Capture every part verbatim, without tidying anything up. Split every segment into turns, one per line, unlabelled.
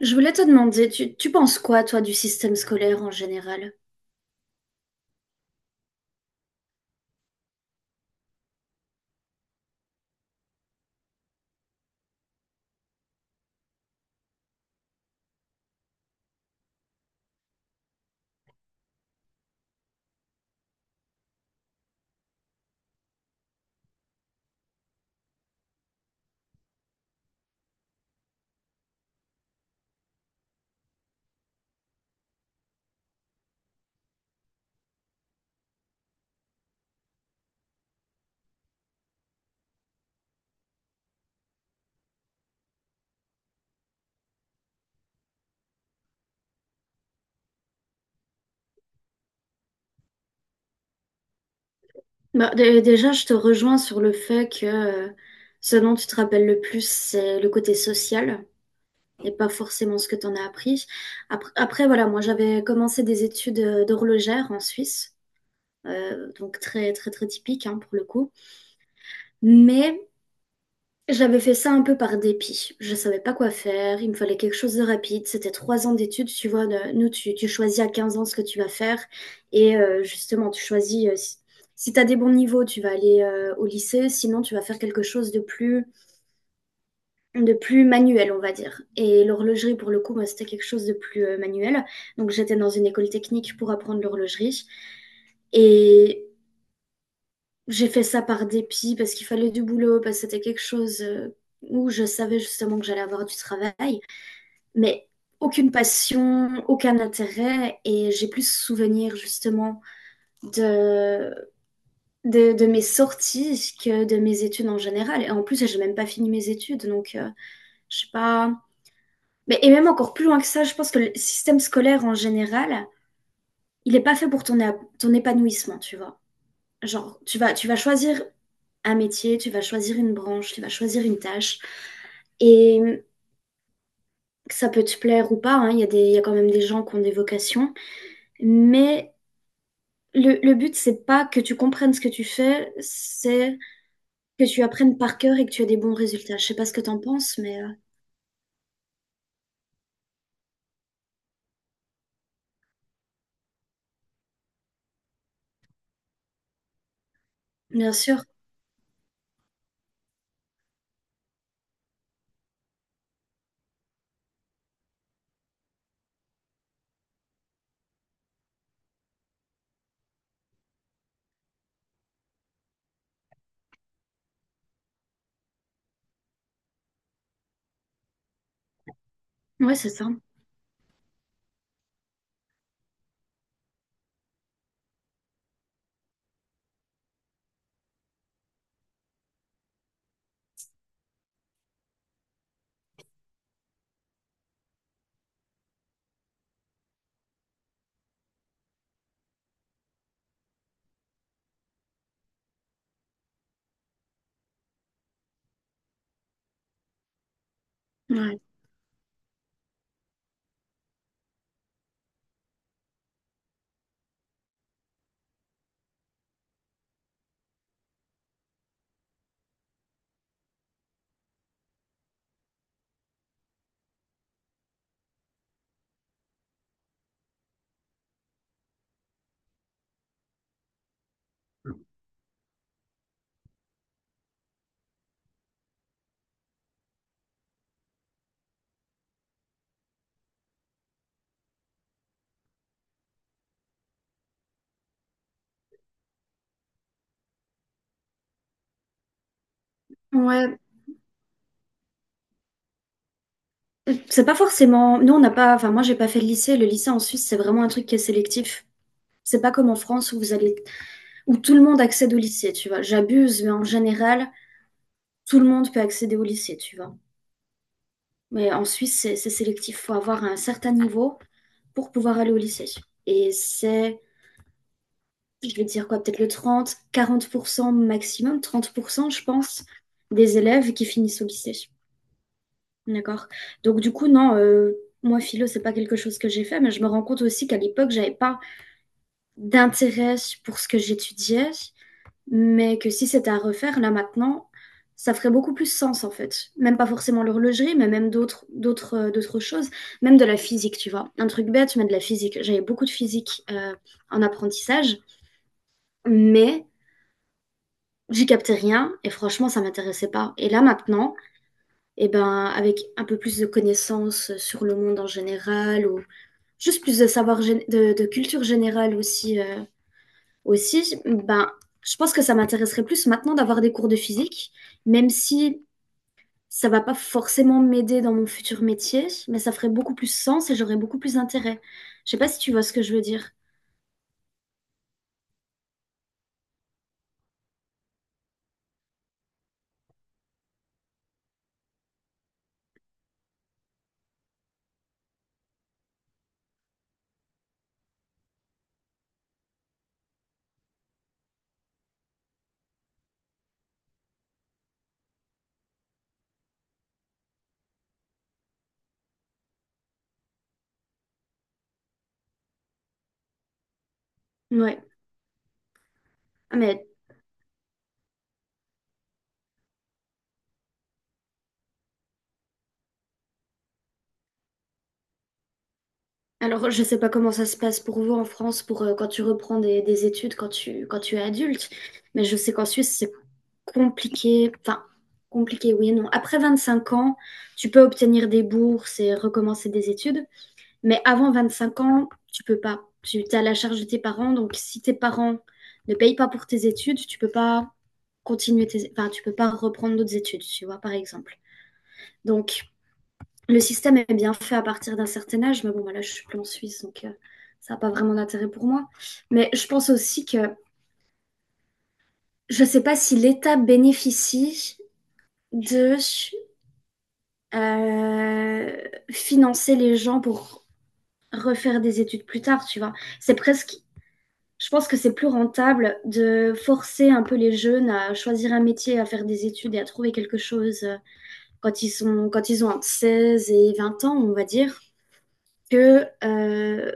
Je voulais te demander, tu, tu penses quoi, toi, du système scolaire en général? Bah, dé- déjà, je te rejoins sur le fait que euh, ce dont tu te rappelles le plus, c'est le côté social et pas forcément ce que tu en as appris. Après, après, voilà, moi, j'avais commencé des études euh, d'horlogère en Suisse, euh, donc très, très, très typique hein, pour le coup. Mais j'avais fait ça un peu par dépit. Je savais pas quoi faire. Il me fallait quelque chose de rapide. C'était trois ans d'études. Tu vois, de- nous, tu, tu choisis à quinze ans ce que tu vas faire. Et euh, justement, tu choisis, euh, si, si tu as des bons niveaux, tu vas aller euh, au lycée. Sinon, tu vas faire quelque chose de plus, de plus manuel, on va dire. Et l'horlogerie, pour le coup, moi, c'était quelque chose de plus euh, manuel. Donc, j'étais dans une école technique pour apprendre l'horlogerie. Et j'ai fait ça par dépit parce qu'il fallait du boulot, parce que c'était quelque chose euh, où je savais justement que j'allais avoir du travail, mais aucune passion, aucun intérêt, et j'ai plus souvenir justement de, de, de mes sorties que de mes études en général. Et en plus, j'ai même pas fini mes études, donc euh, je sais pas. Mais et même encore plus loin que ça, je pense que le système scolaire en général, il est pas fait pour ton, é- ton épanouissement, tu vois. Genre, tu vas, tu vas choisir un métier, tu vas choisir une branche, tu vas choisir une tâche. Et ça peut te plaire ou pas, hein, il y a des, il y a quand même des gens qui ont des vocations. Mais le, le but, c'est pas que tu comprennes ce que tu fais, c'est que tu apprennes par cœur et que tu aies des bons résultats. Je sais pas ce que t'en penses, mais euh, bien sûr. Ouais, c'est ça. Ouais. Ouais, c'est pas forcément. Nous, on n'a pas. Enfin, moi, j'ai pas fait le lycée. Le lycée en Suisse, c'est vraiment un truc qui est sélectif. C'est pas comme en France où vous allez où tout le monde accède au lycée, tu vois. J'abuse, mais en général, tout le monde peut accéder au lycée, tu vois. Mais en Suisse, c'est c'est sélectif. Faut avoir un certain niveau pour pouvoir aller au lycée. Et c'est, je vais dire quoi, peut-être le trente, quarante pour cent maximum, trente pour cent, je pense, des élèves qui finissent au lycée. D'accord? Donc, du coup, non, euh, moi, philo, c'est pas quelque chose que j'ai fait, mais je me rends compte aussi qu'à l'époque, j'avais pas d'intérêt pour ce que j'étudiais. Mais que si c'était à refaire, là maintenant, ça ferait beaucoup plus sens en fait. Même pas forcément l'horlogerie, mais même d'autres, d'autres, euh, d'autres choses. Même de la physique, tu vois. Un truc bête, mais de la physique. J'avais beaucoup de physique euh, en apprentissage, mais j'y captais rien et franchement, ça m'intéressait pas. Et là maintenant, eh ben, avec un peu plus de connaissances sur le monde en général ou juste plus de savoir, gén- de, de culture générale aussi. euh, Aussi, ben, je pense que ça m'intéresserait plus maintenant d'avoir des cours de physique, même si ça va pas forcément m'aider dans mon futur métier, mais ça ferait beaucoup plus sens et j'aurais beaucoup plus d'intérêt. Je sais pas si tu vois ce que je veux dire. Ouais. Ah, mais alors je sais pas comment ça se passe pour vous en France pour euh, quand tu reprends des, des études quand tu quand tu es adulte, mais je sais qu'en Suisse c'est compliqué, enfin compliqué oui et non. Après vingt-cinq ans, tu peux obtenir des bourses et recommencer des études. Mais avant vingt-cinq ans, tu peux pas. Tu es à la charge de tes parents. Donc, si tes parents ne payent pas pour tes études, tu peux pas continuer tes… Enfin, tu peux pas reprendre d'autres études, tu vois, par exemple. Donc, le système est bien fait à partir d'un certain âge. Mais bon, voilà, je suis plus en Suisse, donc euh, ça n'a pas vraiment d'intérêt pour moi. Mais je pense aussi que je ne sais pas si l'État bénéficie de euh, financer les gens pour refaire des études plus tard, tu vois. C'est presque, je pense que c'est plus rentable de forcer un peu les jeunes à choisir un métier, à faire des études et à trouver quelque chose euh, quand ils sont, quand ils ont entre seize et vingt ans, on va dire, que, euh,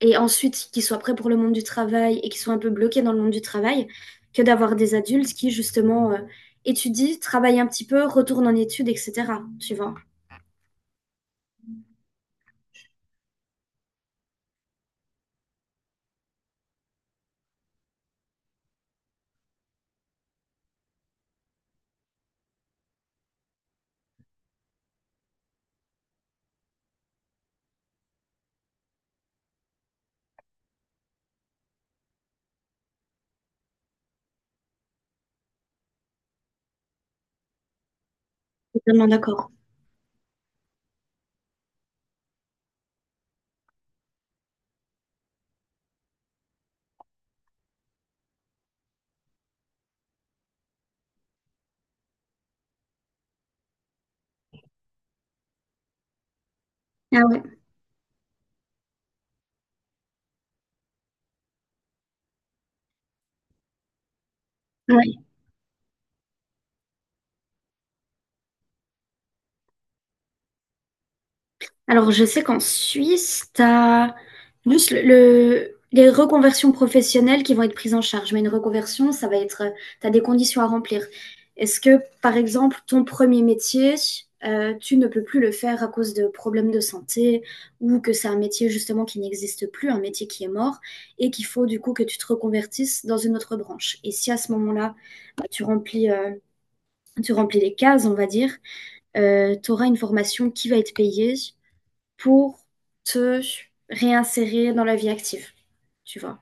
et ensuite qu'ils soient prêts pour le monde du travail et qu'ils soient un peu bloqués dans le monde du travail, que d'avoir des adultes qui, justement, euh, étudient, travaillent un petit peu, retournent en études, et cetera. Tu vois? Je suis totalement d'accord. Ah ouais. Ouais. Alors, je sais qu'en Suisse, tu as juste le, le- les reconversions professionnelles qui vont être prises en charge. Mais une reconversion, ça va être, tu as des conditions à remplir. Est-ce que, par exemple, ton premier métier, euh, tu ne peux plus le faire à cause de problèmes de santé ou que c'est un métier justement qui n'existe plus, un métier qui est mort et qu'il faut du coup que tu te reconvertisses dans une autre branche. Et si à ce moment-là, tu remplis, euh, tu remplis les cases, on va dire, tu auras une formation qui va être payée pour te réinsérer dans la vie active, tu vois.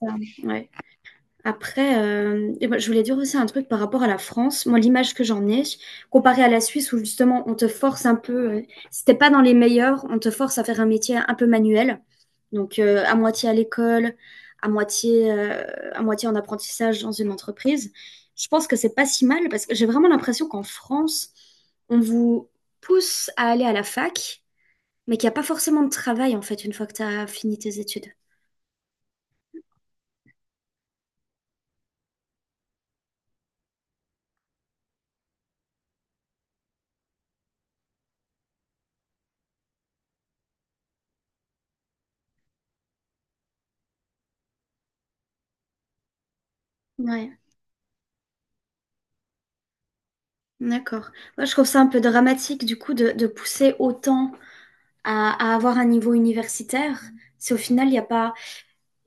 Ça, ouais. Après, euh, et ben, je voulais dire aussi un truc par rapport à la France. Moi, l'image que j'en ai, comparée à la Suisse, où justement, on te force un peu, euh, si t'es pas dans les meilleurs, on te force à faire un métier un peu manuel. Donc, euh, à moitié à l'école, à moitié, euh, à moitié en apprentissage dans une entreprise. Je pense que c'est pas si mal parce que j'ai vraiment l'impression qu'en France, on vous pousse à aller à la fac mais qu'il n'y a pas forcément de travail en fait une fois que tu as fini tes études. Ouais, d'accord. Moi, je trouve ça un peu dramatique du coup de, de pousser autant à, à avoir un niveau universitaire si au final il n'y a pas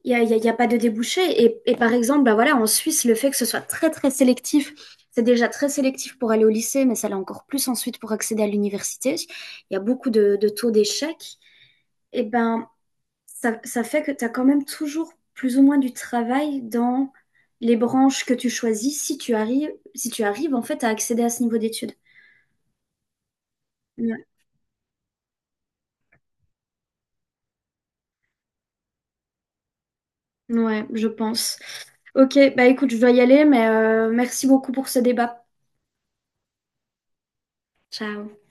Il n'y a, il y a- il y a pas de débouché. Et, et par exemple, bah voilà, en Suisse, le fait que ce soit très, très sélectif, c'est déjà très sélectif pour aller au lycée, mais ça l'est encore plus ensuite pour accéder à l'université. Il y a beaucoup de, de taux d'échec. Et ben, ça, ça fait que tu as quand même toujours plus ou moins du travail dans les branches que tu choisis si tu arrives, si tu arrives en fait à accéder à ce niveau d'études. Ouais, ouais, je pense. Ok, bah écoute, je dois y aller, mais euh, merci beaucoup pour ce débat. Ciao.